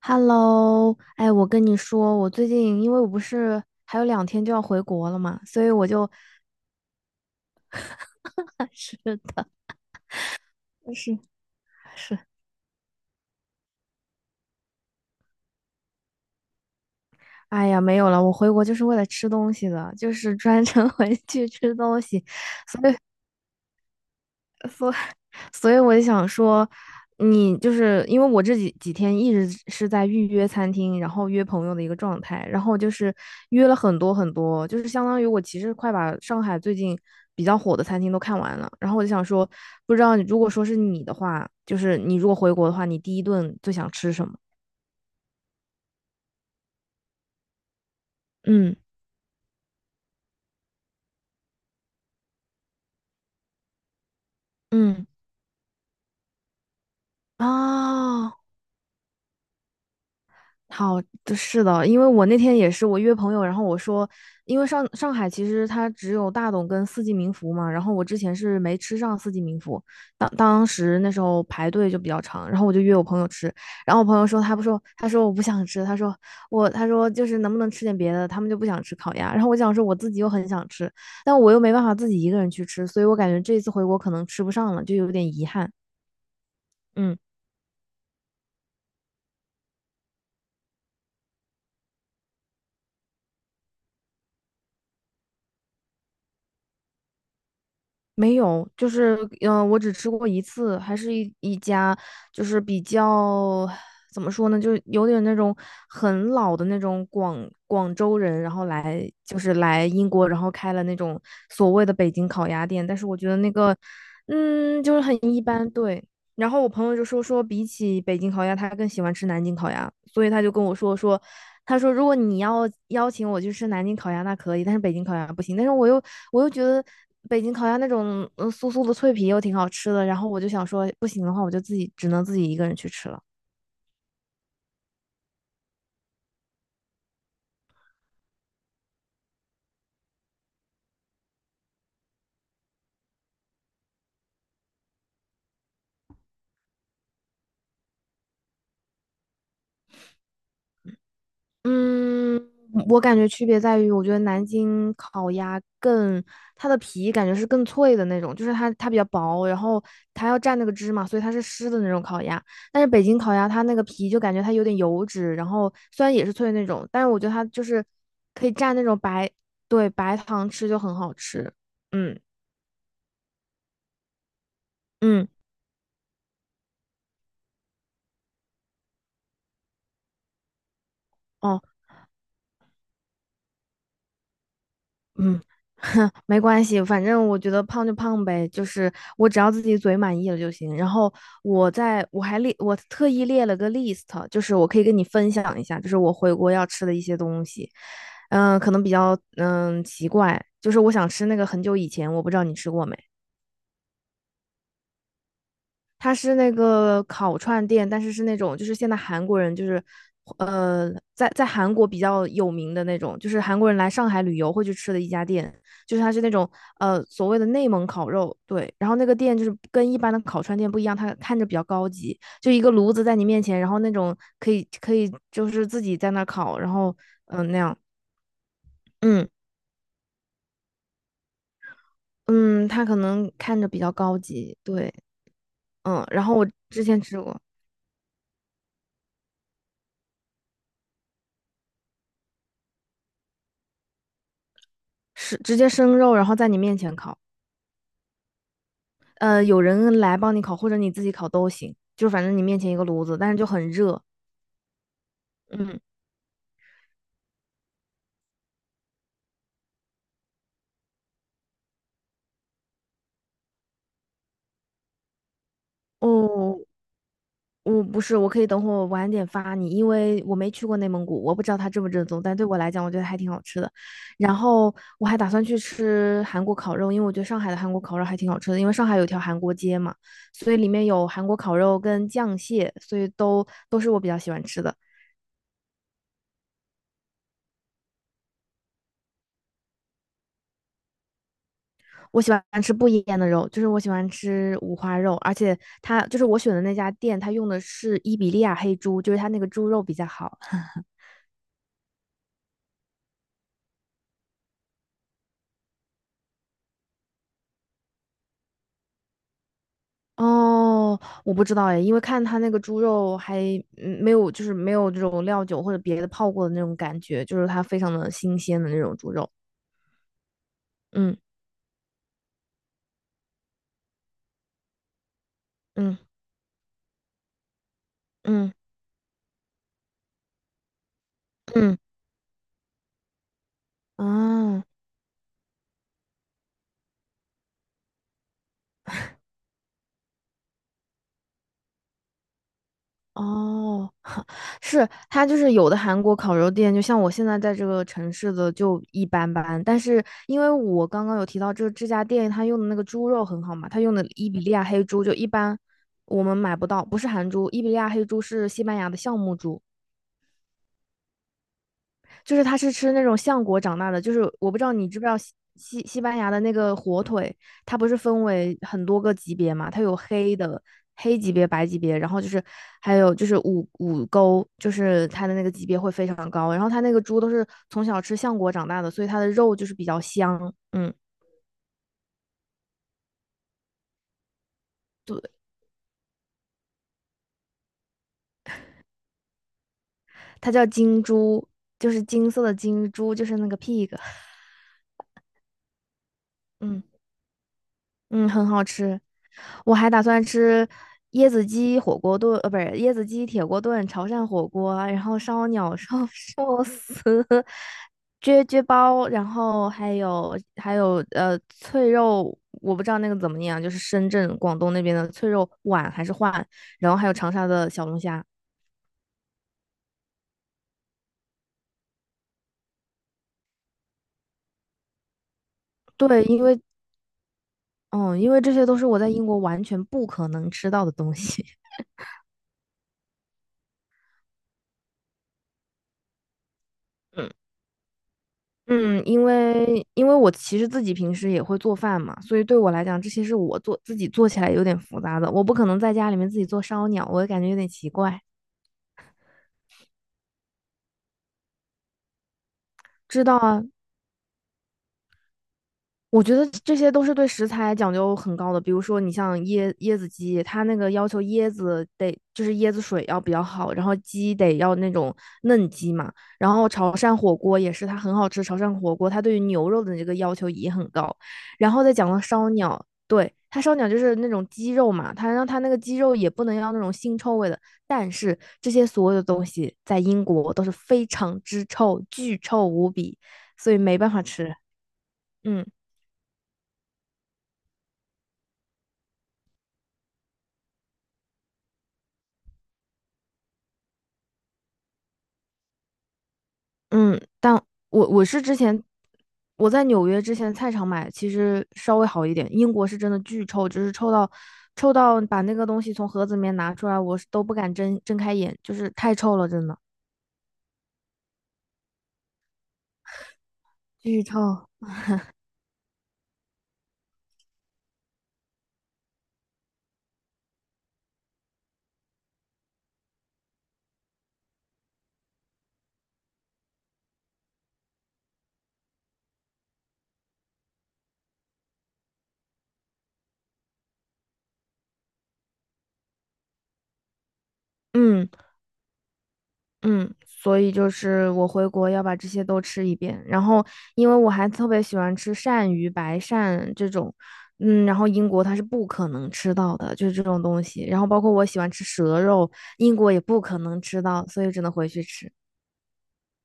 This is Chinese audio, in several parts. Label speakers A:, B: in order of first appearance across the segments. A: Hello，哎，我跟你说，我最近因为我不是还有两天就要回国了嘛，所以我就，是的，是，是，哎呀，没有了，我回国就是为了吃东西的，就是专程回去吃东西，所。所以我就想说，你就是因为我这几天一直是在预约餐厅，然后约朋友的一个状态，然后就是约了很多很多，就是相当于我其实快把上海最近比较火的餐厅都看完了。然后我就想说，不知道如果说是你的话，就是你如果回国的话，你第一顿最想吃什么？嗯嗯啊。好，是的，因为我那天也是，我约朋友，然后我说，因为上海其实它只有大董跟四季民福嘛，然后我之前是没吃上四季民福，当时那时候排队就比较长，然后我就约我朋友吃，然后我朋友说他不说，他说我不想吃，他说我他说就是能不能吃点别的，他们就不想吃烤鸭，然后我想说我自己又很想吃，但我又没办法自己一个人去吃，所以我感觉这一次回国可能吃不上了，就有点遗憾，嗯。没有，就是我只吃过一次，还是一家，就是比较怎么说呢，就是有点那种很老的那种广州人，然后来就是来英国，然后开了那种所谓的北京烤鸭店，但是我觉得那个，嗯，就是很一般，对。然后我朋友就说，比起北京烤鸭，他更喜欢吃南京烤鸭，所以他就跟我说，他说如果你要邀请我去吃南京烤鸭，那可以，但是北京烤鸭不行。但是我又觉得北京烤鸭那种酥酥的脆皮又挺好吃的，然后我就想说不行的话，我就自己只能自己一个人去吃了。嗯，我感觉区别在于，我觉得南京烤鸭更，它的皮感觉是更脆的那种，就是它比较薄，然后它要蘸那个汁嘛，所以它是湿的那种烤鸭。但是北京烤鸭它那个皮就感觉它有点油脂，然后虽然也是脆的那种，但是我觉得它就是可以蘸那种白，对，白糖吃就很好吃。嗯嗯。哦。嗯，哼，没关系，反正我觉得胖就胖呗，就是我只要自己嘴满意了就行。然后我在我还列，我特意列了个 list，就是我可以跟你分享一下，就是我回国要吃的一些东西。可能比较奇怪，就是我想吃那个很久以前我不知道你吃过没。它是那个烤串店，但是是那种就是现在韩国人就是在在韩国比较有名的那种，就是韩国人来上海旅游会去吃的一家店，就是它是那种所谓的内蒙烤肉，对，然后那个店就是跟一般的烤串店不一样，它看着比较高级，就一个炉子在你面前，然后那种可以就是自己在那儿烤，然后那样，嗯嗯，它可能看着比较高级，对，嗯，然后我之前吃过，是直接生肉，然后在你面前烤。有人来帮你烤，或者你自己烤都行，就反正你面前一个炉子，但是就很热。嗯，哦，我不是，我可以等会儿晚点发你，因为我没去过内蒙古，我不知道它正不正宗，但对我来讲，我觉得还挺好吃的。然后我还打算去吃韩国烤肉，因为我觉得上海的韩国烤肉还挺好吃的，因为上海有一条韩国街嘛，所以里面有韩国烤肉跟酱蟹，所以都是我比较喜欢吃的。我喜欢吃不腌的肉，就是我喜欢吃五花肉，而且它就是我选的那家店，它用的是伊比利亚黑猪，就是它那个猪肉比较好。哦，我不知道哎，因为看它那个猪肉还没有，就是没有这种料酒或者别的泡过的那种感觉，就是它非常的新鲜的那种猪肉。嗯嗯嗯嗯，啊哦哦是它就是有的韩国烤肉店，就像我现在在这个城市的就一般般，但是因为我刚刚有提到这家店，它用的那个猪肉很好嘛，它用的伊比利亚黑猪就一般我们买不到，不是韩猪，伊比利亚黑猪是西班牙的橡木猪，就是它是吃那种橡果长大的，就是我不知道你知不知道西班牙的那个火腿，它不是分为很多个级别嘛？它有黑的黑级别、白级别，然后就是还有就是五沟，就是它的那个级别会非常高。然后它那个猪都是从小吃橡果长大的，所以它的肉就是比较香。嗯，对，它叫金猪，就是金色的金猪，就是那个 pig。嗯。嗯，很好吃。我还打算吃椰子鸡火锅炖，呃，不是椰子鸡铁锅炖、潮汕火锅，然后烧鸟、烧寿司、撅撅包，然后还有脆肉，我不知道那个怎么念啊，就是深圳、广东那边的脆肉皖还是皖，然后还有长沙的小龙虾。对，因为嗯，因为这些都是我在英国完全不可能吃到的东西。嗯。嗯，因为我其实自己平时也会做饭嘛，所以对我来讲，这些是我做自己做起来有点复杂的，我不可能在家里面自己做烧鸟，我感觉有点奇怪。知道啊，我觉得这些都是对食材讲究很高的，比如说你像椰子鸡，它那个要求椰子得就是椰子水要比较好，然后鸡得要那种嫩鸡嘛，然后潮汕火锅也是，它很好吃，潮汕火锅它对于牛肉的这个要求也很高，然后再讲到烧鸟，对，它烧鸟就是那种鸡肉嘛，它让它那个鸡肉也不能要那种腥臭味的，但是这些所有的东西在英国都是非常之臭，巨臭无比，所以没办法吃，嗯。嗯，但我是之前我在纽约之前菜场买，其实稍微好一点。英国是真的巨臭，就是臭到把那个东西从盒子里面拿出来，我是都不敢睁开眼，就是太臭了，真的。巨臭。嗯，嗯，所以就是我回国要把这些都吃一遍，然后因为我还特别喜欢吃鳝鱼、白鳝这种，嗯，然后英国它是不可能吃到的，就是这种东西。然后包括我喜欢吃蛇肉，英国也不可能吃到，所以只能回去吃。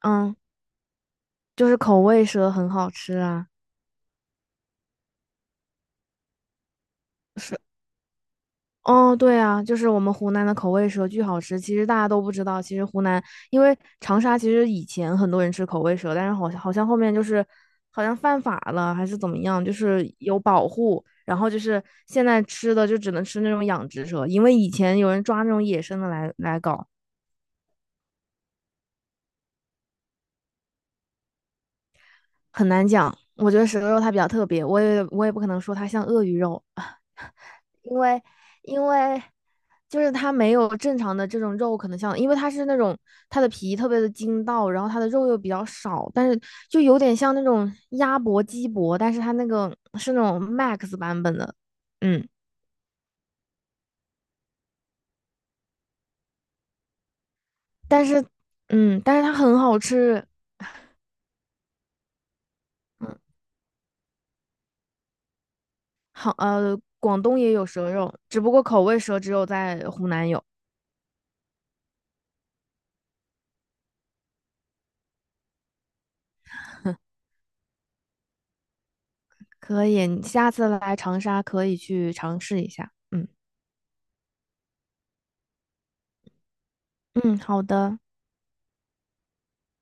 A: 嗯，就是口味蛇很好吃啊，哦，对啊，就是我们湖南的口味蛇巨好吃。其实大家都不知道，其实湖南因为长沙，其实以前很多人吃口味蛇，但是好像后面就是好像犯法了还是怎么样，就是有保护，然后就是现在吃的就只能吃那种养殖蛇，因为以前有人抓那种野生的来搞，很难讲。我觉得蛇肉它比较特别，我也不可能说它像鳄鱼肉，就是它没有正常的这种肉，可能像，因为它是那种它的皮特别的筋道，然后它的肉又比较少，但是就有点像那种鸭脖、鸡脖，但是它那个是那种 max 版本的，嗯，但是嗯，但是它很好吃，嗯，好，呃，广东也有蛇肉，只不过口味蛇只有在湖南有，可以，你下次来长沙可以去尝试一下，嗯嗯，好的。